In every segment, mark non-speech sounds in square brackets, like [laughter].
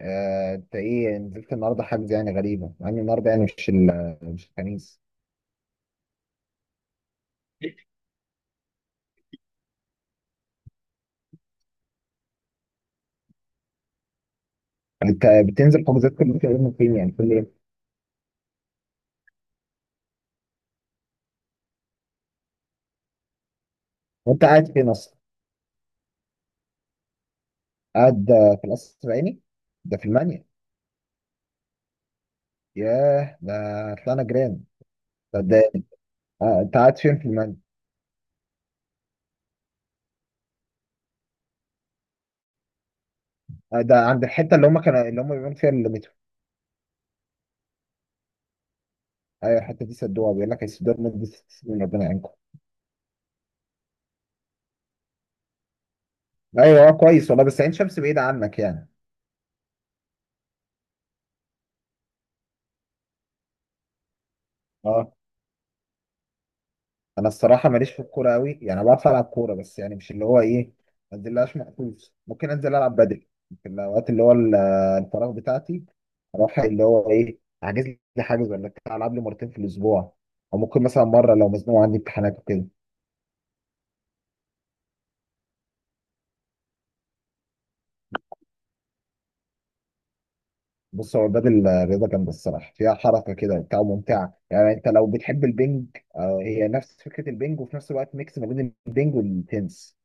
آه، انت ايه نزلت النهارده حجز؟ يعني غريبه مع ان النهارده يعني مش الخميس. انت بتنزل حجوزات كل فين فين؟ يعني كل ايه؟ وانت قاعد فين اصلا؟ قاعد في القصر العيني. ده في المانيا؟ ياه، ده طلعنا جيران. ده انت قاعد فين في المانيا؟ آه، ده عند الحته اللي هم بيعملوا فيها المترو. ايوه، الحته دي سدوها. بيقول لك هيسدوها لمده 6 سنين، ربنا يعينكم. ايوه. كويس والله، بس عين شمس بعيده عنك يعني. اه، انا الصراحه ماليش في الكوره قوي، يعني أنا بعرف العب كوره بس يعني مش اللي هو ايه. ما انزلهاش مخصوص. ممكن انزل العب بدل في الاوقات الفراغ بتاعتي. اروح اللي هو ايه احجز لي حاجز ولا بتاع، العب لي مرتين في الاسبوع، او ممكن مثلا مره لو مزنوق عندي امتحانات وكده. بص، هو البدل رياضه جامده الصراحه، فيها حركه كده وبتاع وممتعه، يعني انت لو بتحب البنج، هي نفس فكره البنج وفي نفس الوقت ميكس ما بين البنج والتنس.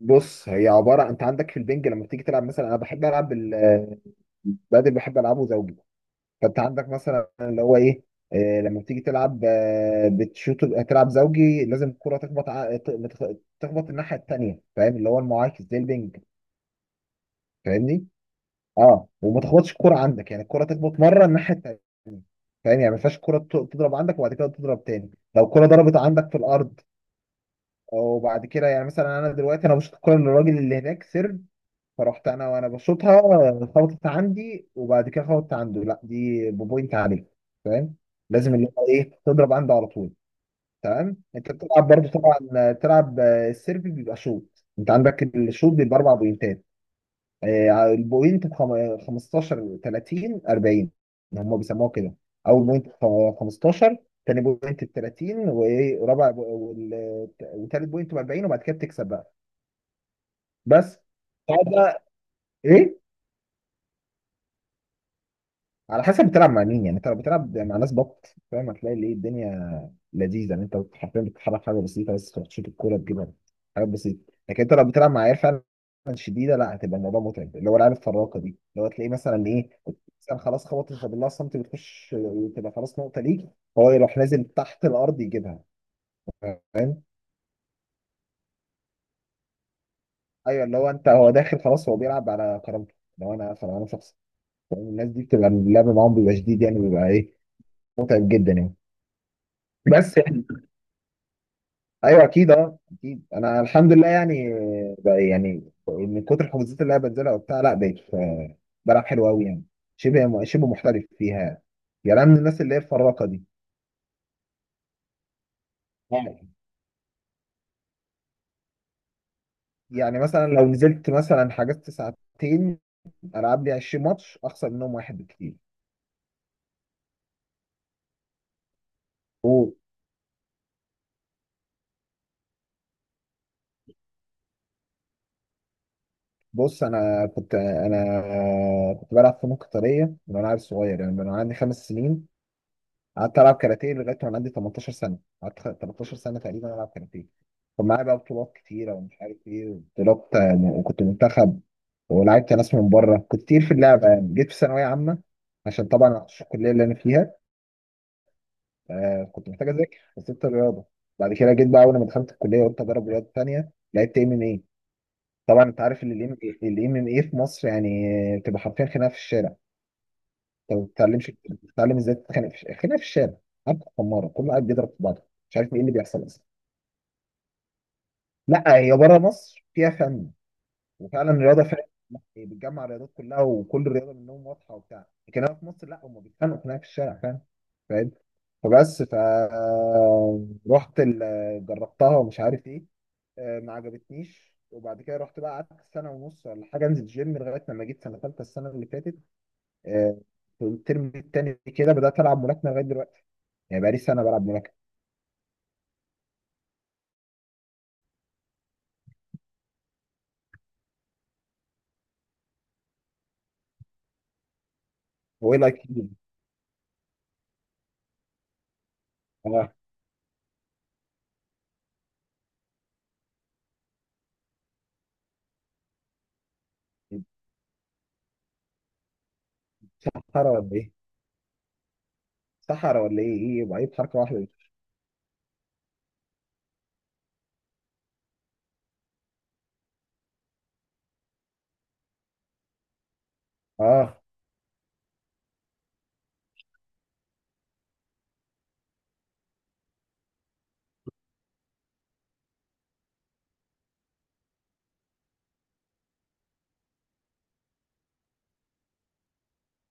بص، هي عباره، انت عندك في البنج لما بتيجي تلعب، مثلا انا بحب العب بدل، بحب العبه زوجي. فانت عندك مثلا اللي هو ايه، لما بتيجي تلعب بتشوط. تلعب زوجي، لازم الكره تخبط ع- ت- ما تخ- تخبط الناحيه التانيه، فاهم؟ اللي هو المعاكس زي البنج. فاهمني؟ اه، وما تخبطش الكره عندك، يعني الكره تخبط مره الناحيه التانيه. فاهم؟ يعني ما ينفعش الكره تضرب عندك وبعد كده تضرب تاني. لو الكره ضربت عندك في الارض وبعد كده، يعني مثلا انا دلوقتي انا بشوط الكره للراجل اللي هناك سيرف، فرحت انا وانا بشوطها، خبطت عندي وبعد كده خبطت عنده، لا دي بوينت عليك. فاهم؟ لازم اللي هو ايه تضرب عنده على طول. تمام. انت بتلعب برضه طبعا، تلعب. السيرفي بيبقى شوط. انت عندك الشوط بيبقى 4 بوينتات. البوينت ب 15 30 40. هم بيسموها كده. اول بوينت ب 15، تاني بوينت ب 30، وايه ورابع بو- وال- وتالت بوينت ب 40، وبعد كده بتكسب بقى. بس تعال بقى. ايه؟ على حسب بتلعب مع مين. يعني انت لو بتلعب مع ناس بط، فاهم، هتلاقي ليه الدنيا لذيذه. يعني انت حرفيا بتتحرك حاجه بسيطه بس، تروح تشوط الكوره تجيبها، حاجات بسيطه. لكن انت لو بتلعب مع عيال فعلا شديده، لا هتبقى الموضوع متعب. اللي هو العيال الفراقه دي، اللي هو تلاقيه مثلا ايه، مثلا خلاص خبطت فبالله صمت، بتخش وتبقى خلاص نقطه ليك، هو يروح نازل تحت الارض يجيبها. فاهم؟ ايوه، اللي هو انت هو داخل خلاص، هو بيلعب على كرامته. لو انا فلو انا شخص، فاهم؟ الناس دي بتبقى اللعب معاهم بيبقى شديد، يعني بيبقى ايه، متعب جدا يعني. بس. ايوه، اكيد انا الحمد لله يعني، بقى يعني من كتر الحجوزات اللي انا بنزلها وبتاع، لا بقيت بلعب حلو قوي يعني، شبه شبه محترف فيها. يعني أنا من الناس اللي هي الفراقه دي. يعني يعني مثلا لو نزلت مثلا حجزت ساعتين، العب لي 20 ماتش اخسر منهم واحد بكتير. بص، انا كنت بلعب فنون قتاليه من وانا عيل صغير، يعني من وانا عندي 5 سنين. قعدت العب كاراتيه لغايه وانا عندي 18 سنه، قعدت 13 سنه تقريبا العب كاراتيه. كان معايا بقى بطولات كتيره ومش عارف ايه بطولات، وكنت منتخب، ولعبت ناس من بره، كنت كتير في اللعبه. يعني جيت في ثانويه عامه، عشان طبعا عشان الكليه اللي انا فيها كنت محتاج اذاكر فسبت الرياضه. بعد كده جيت بقى، اول ما دخلت الكليه قلت اجرب رياضه تانيه، لعبت ام ام اي. طبعا انت عارف ان الام ام اي في مصر يعني بتبقى حرفيا خناقه في الشارع. انت ما بتتعلمش، بتتعلم ازاي تتخانق في الخناقه في الشارع. عارف، خماره كله قاعد بيضرب في بعضه، مش عارف ايه اللي بيحصل اصلا. لا هي بره مصر فيها فن، وفعلا الرياضه فعلا هي بتجمع الرياضات كلها، وكل رياضه منهم واضحه وبتاع. لكن هنا في مصر لا، هم بيتخانقوا خناقه في الشارع، فاهم؟ فاهم. فبس جربتها ومش عارف ايه، ما عجبتنيش. وبعد كده رحت بقى قعدت سنه ونص ولا حاجه انزل جيم، لغايه لما جيت سنه ثالثه السنه اللي فاتت، آه، في الترم التاني كده بدات العب ملاكمه لغايه دلوقتي، يعني بقالي سنه بلعب ملاكمه. هو ايه لايك كده؟ اه، صحرا ولا ايه؟ صحرا ولا ايه؟ ايه؟ يبقى ايه بحركه واحده دي؟ اه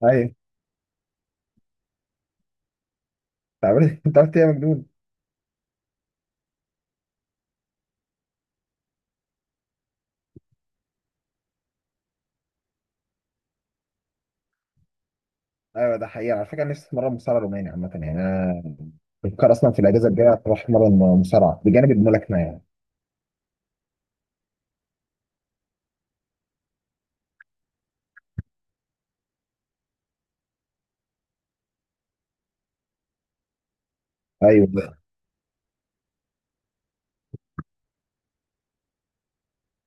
ايوه، انت عملت [laughs] انت عملت ايه يا مجنون؟ ايوه، ده حقيقي على فكره. أنا نفسي اتمرن مصارعه روماني عامه، يعني انا بفكر اصلا في الاجازه الجايه اروح اتمرن مصارعه بجانب الملاكمه يعني. ايوه،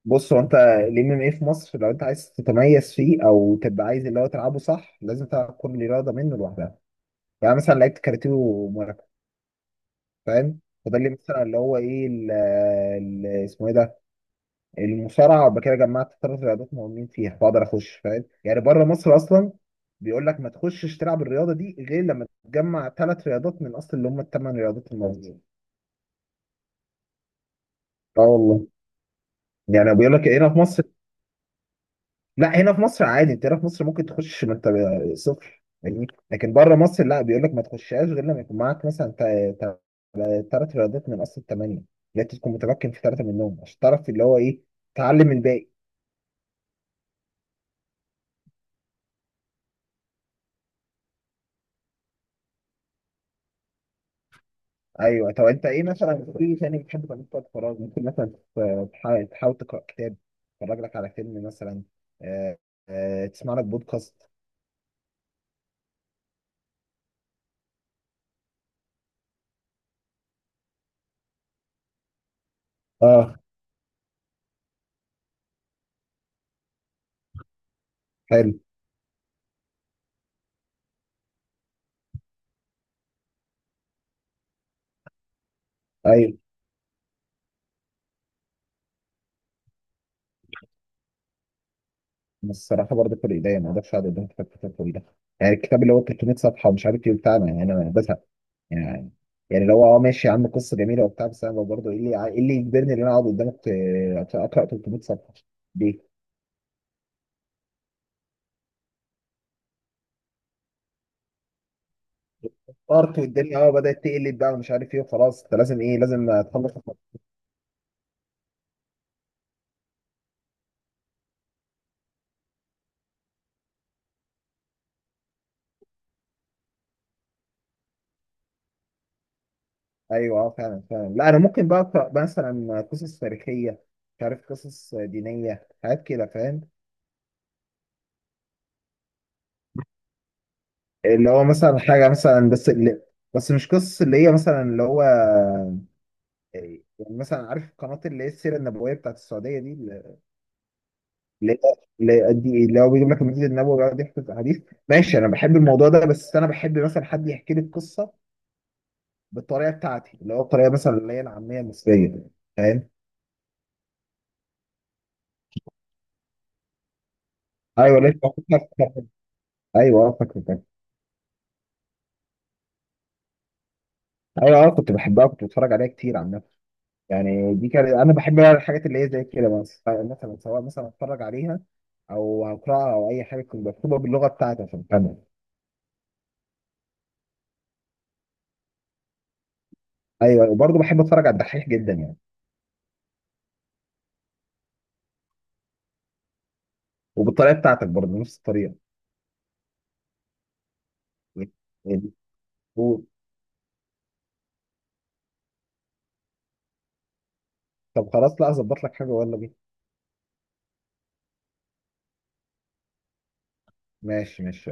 بص، هو انت الام ام اي في مصر لو انت عايز تتميز فيه، او تبقى عايز اللي هو تلعبه صح، لازم تلعب كل رياضه منه لوحدها. يعني مثلا لعبت كاراتيه وملاكمه، فاهم؟ فده اللي مثلا اللي هو ايه اسمه ايه ده، المصارعه. وبعد كده جمعت ثلاث رياضات مهمين فيها، فاقدر اخش، فاهم؟ يعني بره مصر اصلا بيقول لك ما تخشش تلعب الرياضه دي غير لما تجمع ثلاث رياضات من اصل اللي هم ال 8 رياضات الموجودين. اه والله. يعني بيقول لك هنا في مصر، لا هنا في مصر عادي، انت هنا في مصر ممكن تخش ما انت صفر، فاهمني؟ لكن بره مصر لا، بيقول لك ما تخشهاش غير لما يكون معاك مثلا 3 رياضات من اصل ال 8، يعني أنت تكون متمكن في 3 منهم عشان تعرف اللي هو ايه تعلم الباقي. ايوه. طب انت ايه مثلا في تاني بتحب تعمله في وقت فراغ؟ ممكن مثلا تحاول تقرا كتاب، تتفرج لك على فيلم مثلا، آه، تسمع لك بودكاست. اه، حلو. ايوه، بس الصراحه برضه في الايديا ما اقدرش اقعد قدام كتاب طويله. يعني الكتاب اللي هو 300 صفحه ومش عارف ايه بتاعنا، يعني انا بزهق يعني. يعني لو اه ماشي يا عم قصه جميله وبتاع، بس انا برضه ايه اللي يجبرني ان انا اقعد قدامك اقرا 300 صفحه؟ ليه؟ ارت والدنيا بدات تقلب بقى ومش عارف ايه، وخلاص انت لازم تخلص. ايوه، اه فعلا فعلا. لا انا ممكن بقى اقرا مثلا قصص تاريخيه، مش عارف قصص دينيه، حاجات كده، فاهم؟ اللي هو مثلا حاجه مثلا، بس اللي، بس مش قصص اللي هي مثلا اللي هو إيه، يعني مثلا عارف القناه اللي هي السيره النبويه بتاعت السعوديه دي، اللي اللي اللي هو بيجيب لك المسجد النبوي ويقعد يحكي في حديث؟ ماشي، انا بحب الموضوع ده، بس انا بحب مثلا حد يحكي لي القصه بالطريقه بتاعتي، اللي هو الطريقه مثلا اللي هي العاميه المصريه، فاهم؟ ايوه ليه. ايوه، فاكر. ايوه اه، كنت بحبها كنت بتفرج عليها كتير عامة. يعني دي كانت، انا بحب بقى الحاجات اللي هي زي كده، بس مثلا سواء مثلا اتفرج عليها او اقراها او اي حاجه تكون مكتوبه باللغه بتاعتي عشان افهمها. ايوه، وبرضه بحب اتفرج على الدحيح جدا يعني، وبالطريقه بتاعتك برضه نفس الطريقه. يعني- يعني- و- طب خلاص. لا اظبط لك حاجه ولا بينا؟ ماشي ماشي.